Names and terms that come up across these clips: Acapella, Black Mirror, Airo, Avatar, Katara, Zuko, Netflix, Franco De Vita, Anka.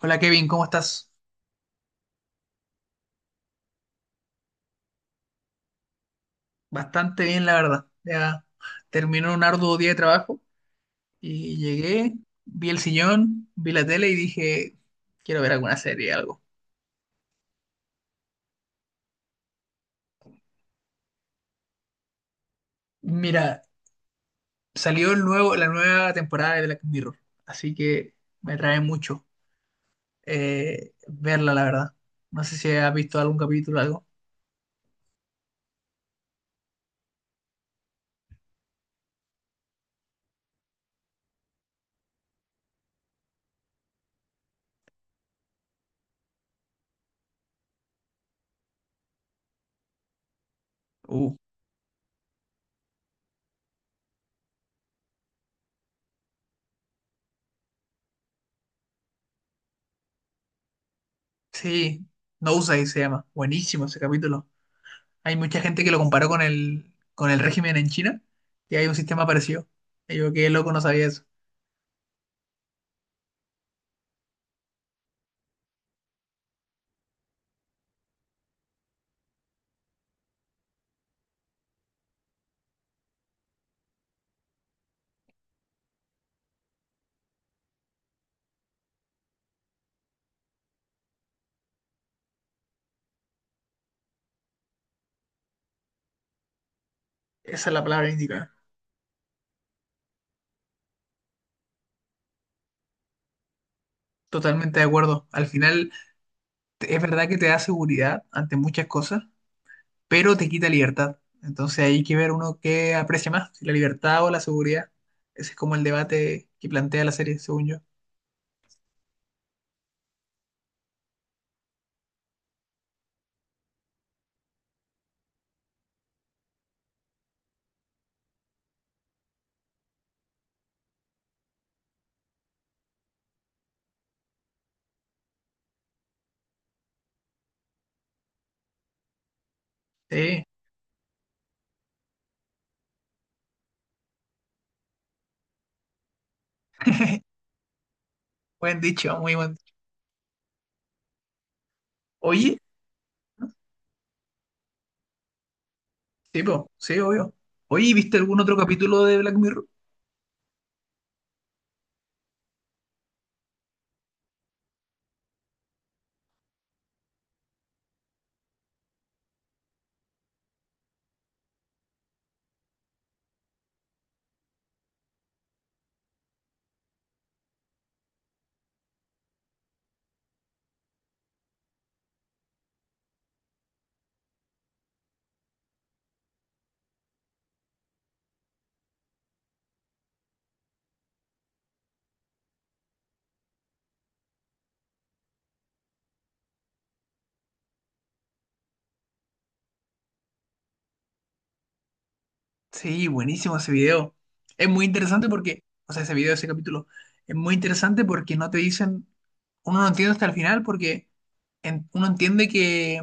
Hola Kevin, ¿cómo estás? Bastante bien, la verdad. Ya terminó un arduo día de trabajo y llegué, vi el sillón, vi la tele y dije, quiero ver alguna serie, algo. Mira, salió el nuevo, la nueva temporada de Black Mirror, así que me trae mucho verla, la verdad. No sé si has visto algún capítulo o algo. Uh, sí, no se llama. Buenísimo ese capítulo. Hay mucha gente que lo comparó con el régimen en China y hay un sistema parecido. Y yo, qué loco, no sabía eso. Esa es la palabra indicada. Totalmente de acuerdo. Al final, es verdad que te da seguridad ante muchas cosas, pero te quita libertad. Entonces hay que ver uno qué aprecia más, si la libertad o la seguridad. Ese es como el debate que plantea la serie, según yo. Sí, buen dicho, muy buen dicho. Oye, sí, po, sí, obvio. Oye, ¿viste algún otro capítulo de Black Mirror? Sí, buenísimo ese video. Es muy interesante porque, o sea, ese video, ese capítulo, es muy interesante porque no te dicen, uno no entiende hasta el final porque uno entiende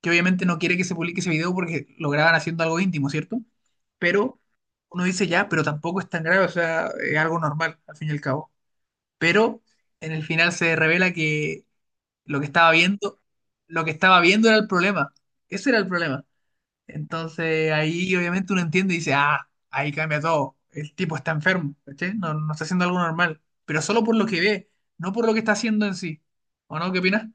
que obviamente no quiere que se publique ese video porque lo graban haciendo algo íntimo, ¿cierto? Pero uno dice ya, pero tampoco es tan grave, o sea, es algo normal, al fin y al cabo. Pero en el final se revela que lo que estaba viendo, lo que estaba viendo era el problema. Ese era el problema. Entonces ahí obviamente uno entiende y dice, ah, ahí cambia todo. El tipo está enfermo, ¿cachai? No, no está haciendo algo normal, pero solo por lo que ve, no por lo que está haciendo en sí. ¿O no? ¿Qué opinas?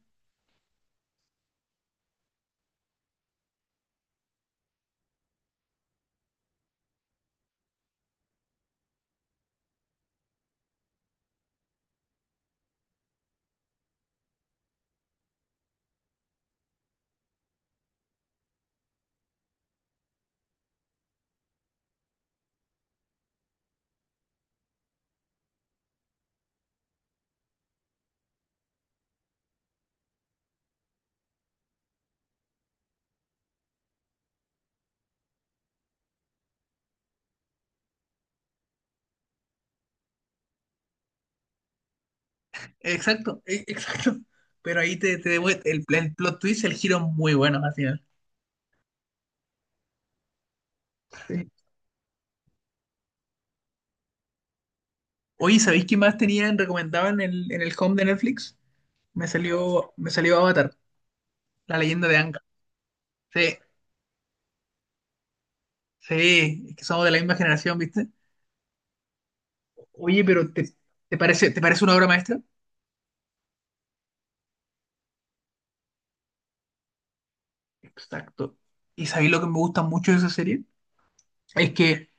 Exacto, exacto. Pero ahí te, el plot twist, el giro es muy bueno al final. Sí. Oye, ¿sabéis qué más tenían recomendado en el home de Netflix? Me salió Avatar, la leyenda de Anka. Sí, sí, es que somos de la misma generación, ¿viste? Oye, pero ¿te parece, te parece una obra maestra? Exacto. ¿Y sabéis lo que me gusta mucho de esa serie? Es que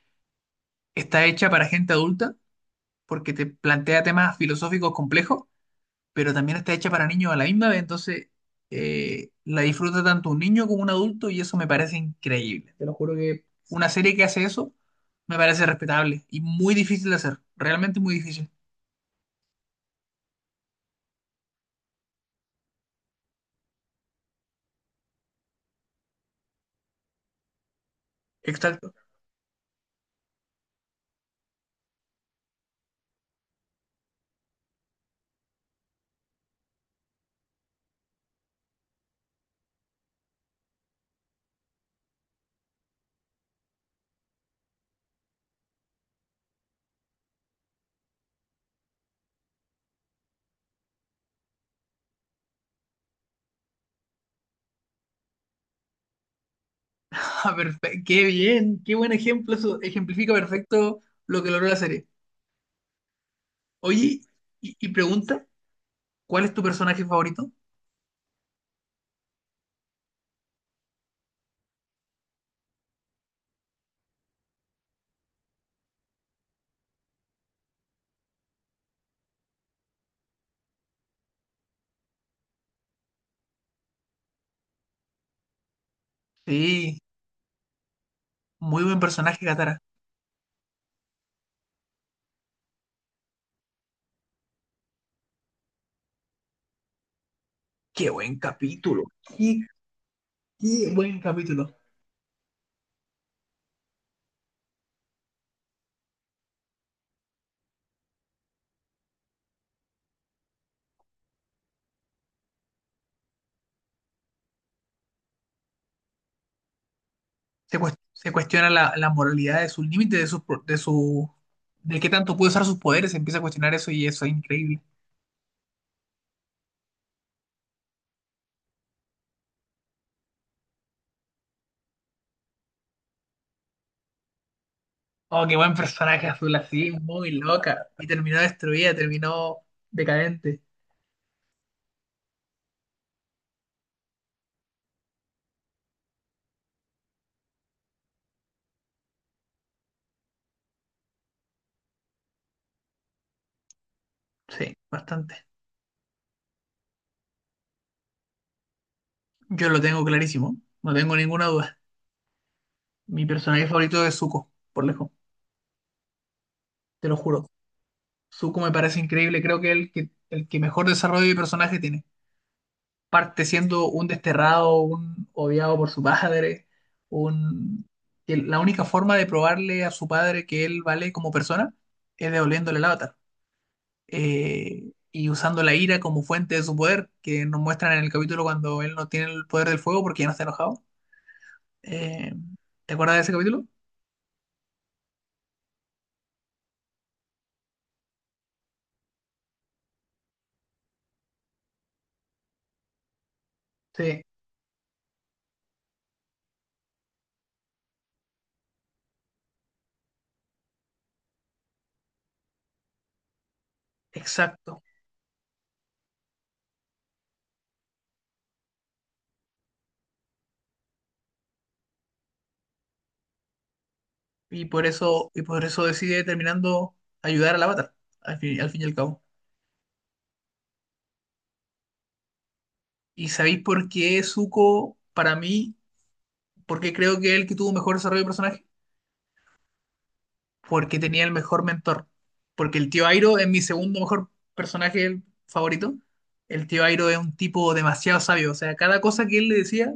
está hecha para gente adulta porque te plantea temas filosóficos complejos, pero también está hecha para niños a la misma vez, entonces la disfruta tanto un niño como un adulto y eso me parece increíble. Te lo juro que una serie que hace eso me parece respetable y muy difícil de hacer, realmente muy difícil. Exacto. Qué bien, qué buen ejemplo, eso ejemplifica perfecto lo que logró la serie. Oye, y pregunta, ¿cuál es tu personaje favorito? Sí, muy buen personaje, Katara. Qué buen capítulo. Qué, qué buen capítulo. Se, se cuestiona la, la moralidad de sus límites, de su, de qué tanto puede usar sus poderes. Se empieza a cuestionar eso y eso es increíble. Oh, qué buen personaje azul, así, muy loca. Y terminó destruida, terminó decadente. Sí, bastante. Yo lo tengo clarísimo, no tengo ninguna duda. Mi personaje favorito es Zuko, por lejos, te lo juro. Zuko me parece increíble, creo que es el que mejor desarrollo de personaje tiene. Parte siendo un desterrado, un odiado por su padre, un... que la única forma de probarle a su padre que él vale como persona es devolviéndole el avatar. Y usando la ira como fuente de su poder, que nos muestran en el capítulo cuando él no tiene el poder del fuego porque ya no está enojado. Eh, ¿Te acuerdas de ese capítulo? Sí, exacto. Y por eso decide terminando ayudar al avatar, al fin y al cabo. ¿Y sabéis por qué Zuko, para mí, ¿por qué creo que él que tuvo mejor desarrollo de personaje? Porque tenía el mejor mentor. Porque el tío Airo es mi segundo mejor personaje el favorito. El tío Airo es un tipo demasiado sabio. O sea, cada cosa que él le decía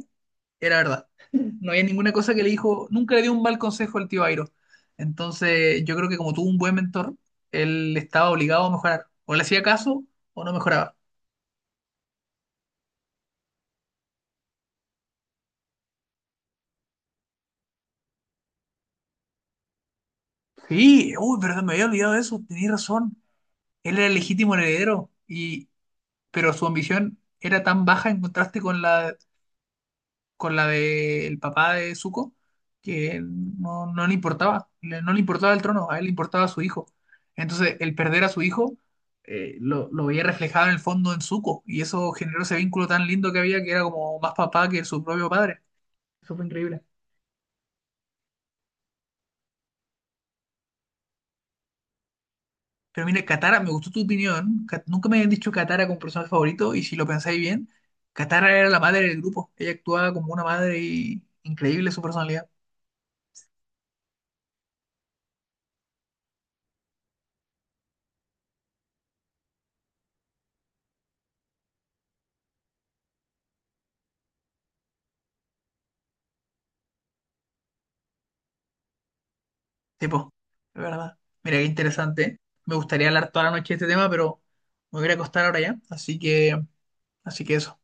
era verdad. No había ninguna cosa que le dijo, nunca le dio un mal consejo al tío Airo. Entonces, yo creo que como tuvo un buen mentor, él estaba obligado a mejorar. O le hacía caso o no mejoraba. Sí, uy, pero me había olvidado de eso, tenías razón. Él era el legítimo heredero y, pero su ambición era tan baja en contraste con la del papá de Zuko que no, no le importaba, no le importaba el trono, a él le importaba su hijo. Entonces, el perder a su hijo lo veía reflejado en el fondo en Zuko y eso generó ese vínculo tan lindo que había que era como más papá que su propio padre. Eso fue increíble. Pero mira Katara, me gustó tu opinión. Nunca me habían dicho Katara como personaje favorito y si lo pensáis bien, Katara era la madre del grupo. Ella actuaba como una madre y increíble su personalidad. Tipo, es verdad. Mira, qué interesante, ¿eh? Me gustaría hablar toda la noche de este tema, pero me voy a ir a acostar ahora ya. Así que eso.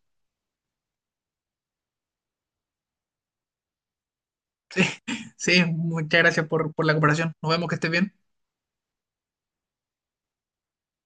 Sí, sí, muchas gracias por la cooperación. Nos vemos, que estés bien.